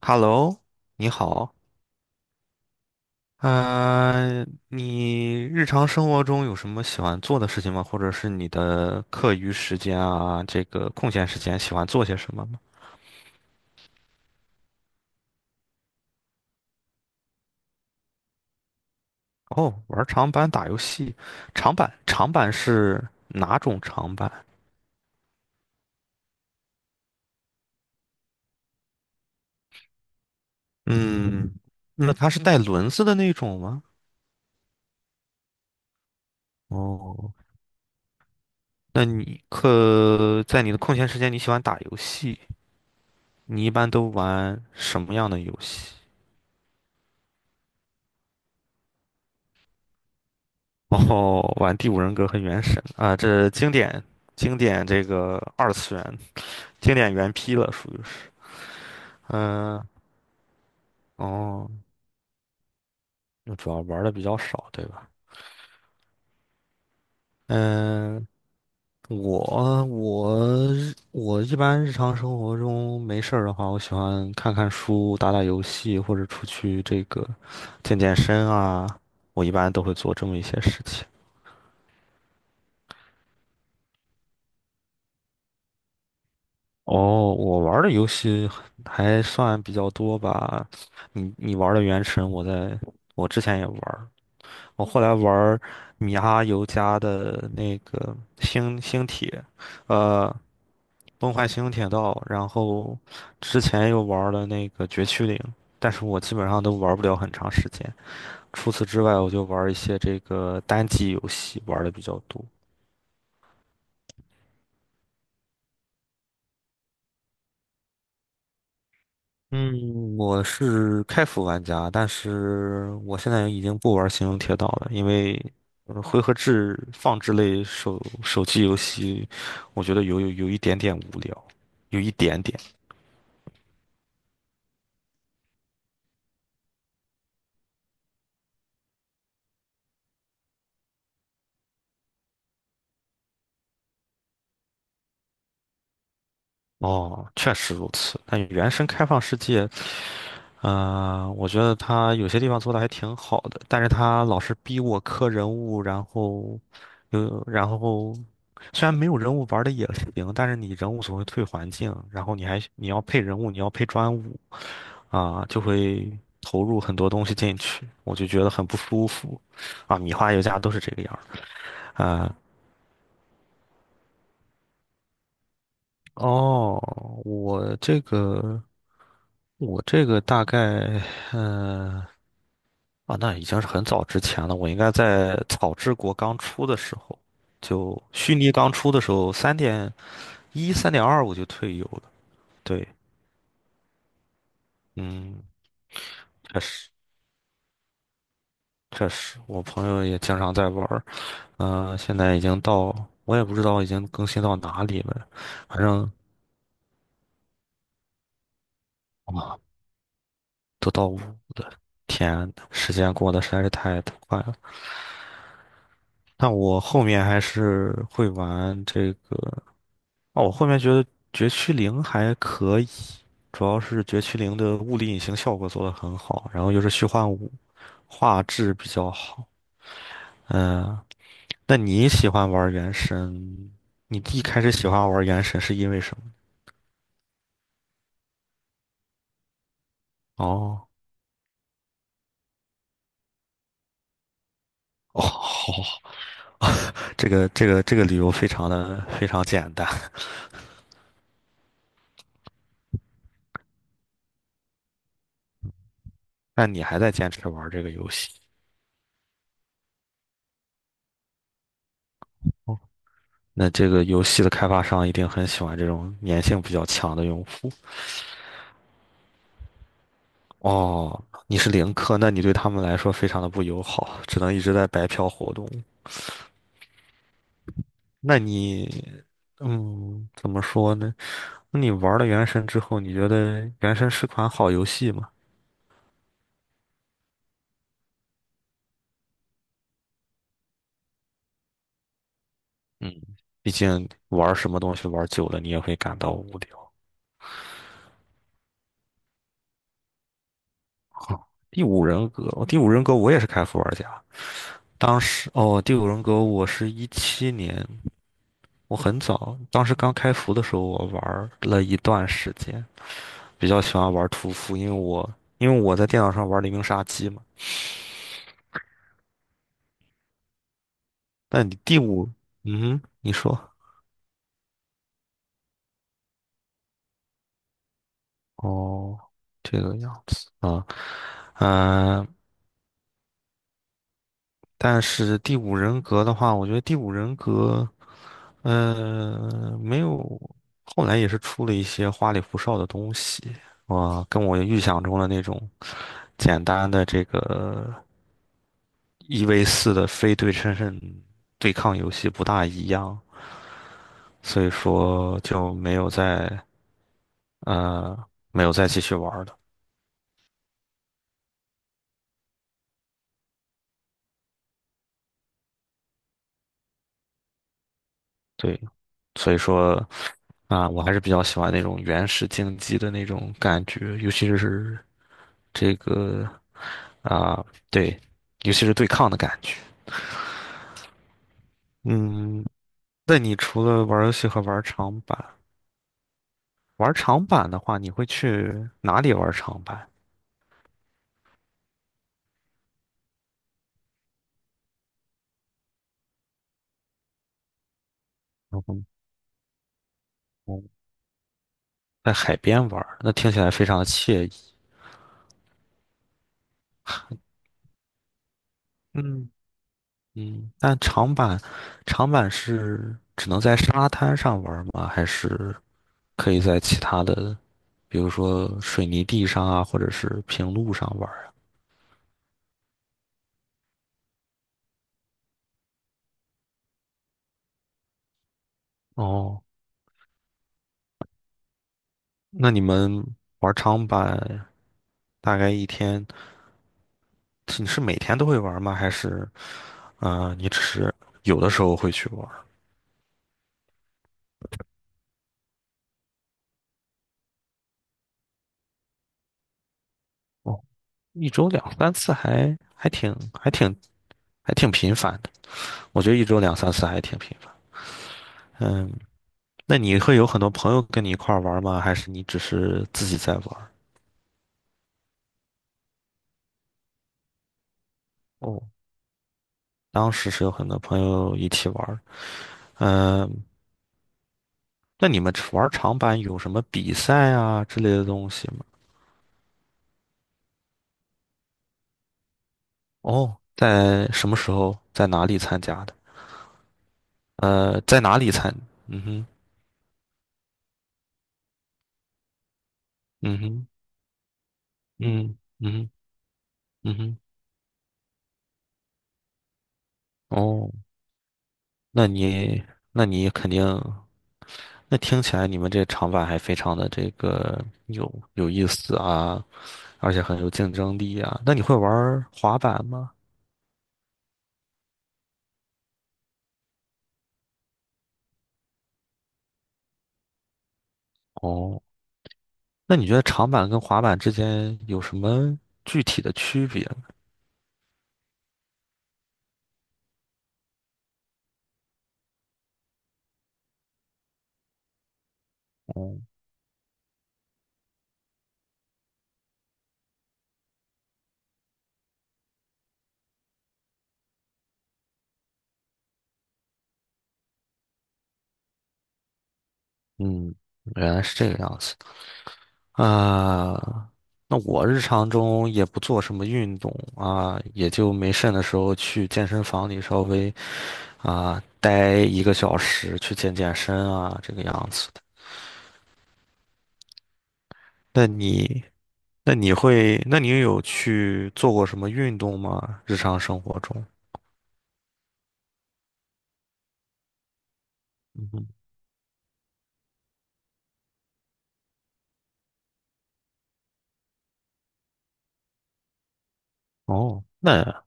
Hello，你好。嗯、你日常生活中有什么喜欢做的事情吗？或者是你的课余时间啊，这个空闲时间喜欢做些什么吗？哦，玩长板、打游戏。长板是哪种长板？嗯，那它是带轮子的那种吗？哦，那你在你的空闲时间，你喜欢打游戏？你一般都玩什么样的游戏？然后玩第五人格和原神啊，这经典这个二次元经典原批了，属于是。嗯。哦，就主要玩的比较少，对吧？嗯、我我我一般日常生活中没事儿的话，我喜欢看看书、打打游戏，或者出去这个健健身啊，我一般都会做这么一些事情。哦，我玩儿的游戏还算比较多吧。你玩儿的《原神》，我在我之前也玩儿，我后来玩儿米哈游家的那个星铁，呃，崩坏星铁道，然后之前又玩儿了那个绝区零，但是我基本上都玩儿不了很长时间。除此之外，我就玩儿一些这个单机游戏玩儿的比较多。嗯，我是开服玩家，但是我现在已经不玩《星穹铁道》了，因为回合制放置类手机游戏，我觉得有一点点无聊，有一点点。哦，确实如此。但原生开放世界我觉得他有些地方做的还挺好的，但是他老是逼我磕人物，然后有然后虽然没有人物玩的也行，但是你人物总会退环境，然后你要配人物，你要配专武啊，就会投入很多东西进去，我就觉得很不舒服啊。米花游家都是这个样儿的。哦，我这个我这个大概。啊，那已经是很早之前了。我应该在草之国刚出的时候，就虚拟刚出的时候，3.1、3.2我就退游了。对，嗯，确实确实，我朋友也经常在玩儿。现在已经到，我也不知道已经更新到哪里了，反正啊，都到五了。天呐时间过得实在是太快了。但我后面还是会玩这个。哦，我后面觉得绝区零还可以，主要是绝区零的物理隐形效果做得很好，然后又是虚幻五，画质比较好。嗯，那你喜欢玩原神？你一开始喜欢玩原神是因为什么？哦哦，这个理由非常的非常简单。那你还在坚持玩这个游戏，那这个游戏的开发商一定很喜欢这种粘性比较强的用户。哦，你是零氪，那你对他们来说非常的不友好，只能一直在白嫖活动。那你，怎么说呢？那你玩了《原神》之后，你觉得《原神》是款好游戏吗？嗯，毕竟玩什么东西玩久了，你也会感到无聊。第五人格，哦第五人格我也是开服玩家。当时哦，第五人格我是17年，我很早，当时刚开服的时候我玩了一段时间，比较喜欢玩屠夫，因为我在电脑上玩黎明杀机嘛。但你第五，嗯哼，你说。哦，这个样子啊。嗯、但是第五人格的话，我觉得第五人格，呃，没有，后来也是出了一些花里胡哨的东西啊，跟我预想中的那种简单的这个1v4的非对称性对抗游戏不大一样。所以说就没有呃没有再继续玩儿了。对，所以说啊，我还是比较喜欢那种原始竞技的那种感觉，尤其是这个啊，对，尤其是对抗的感觉。嗯，那你除了玩游戏和玩长板，玩长板的话，你会去哪里玩长板？嗯在海边玩儿那听起来非常的惬意。嗯，嗯，但长板，长板是只能在沙滩上玩儿吗？还是可以在其他的，比如说水泥地上啊，或者是平路上玩儿啊？哦，那你们玩长板大概一天，是每天都会玩吗？还是，啊、你只是有的时候会去玩儿哦，一周两三次还挺还挺频繁的，我觉得一周两三次还挺频繁。嗯，那你会有很多朋友跟你一块儿玩吗？还是你只是自己在玩哦，当时是有很多朋友一起玩。嗯，呃那你们玩长板有什么比赛啊之类的东西吗？哦，在什么时候，在哪里参加的？在哪里参？嗯哼，嗯哼，嗯哼，嗯哼。哦，那你那你那听起来你们这长板还非常的这个有意思啊，而且很有竞争力啊。那你会玩儿滑板吗？哦，那你觉得长板跟滑板之间有什么具体的区别呢？哦，嗯，原来是这个样子啊。那我日常中也不做什么运动啊，也就没事的时候去健身房里稍微啊待一个小时去健健身啊，这个样子的。那你？那你有去做过什么运动吗？日常生活中？嗯哼，哦，那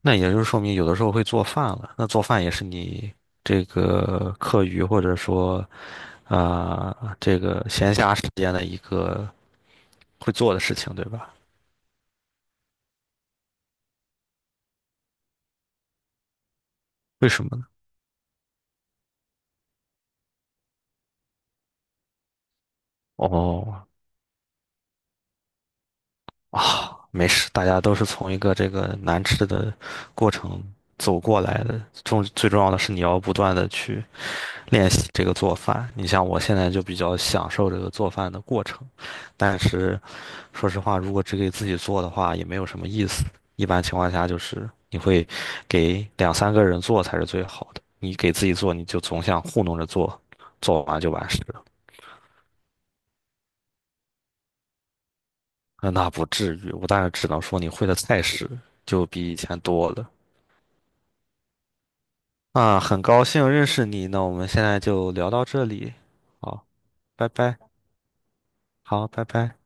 那也就是说明有的时候会做饭了。那做饭也是你这个课余或者说啊、这个闲暇时间的一个会做的事情，对吧？为什么呢？哦，啊，没事，大家都是从一个这个难吃的过程走过来的。最重要的是你要不断的去练习这个做饭。你像我现在就比较享受这个做饭的过程，但是说实话，如果只给自己做的话，也没有什么意思。一般情况下，就是你会给两三个人做才是最好的。你给自己做，你就总想糊弄着做，做完就完事了。那不至于，我当然只能说你会的菜式就比以前多了。啊，很高兴认识你，那我们现在就聊到这里，好，拜拜，好，拜拜。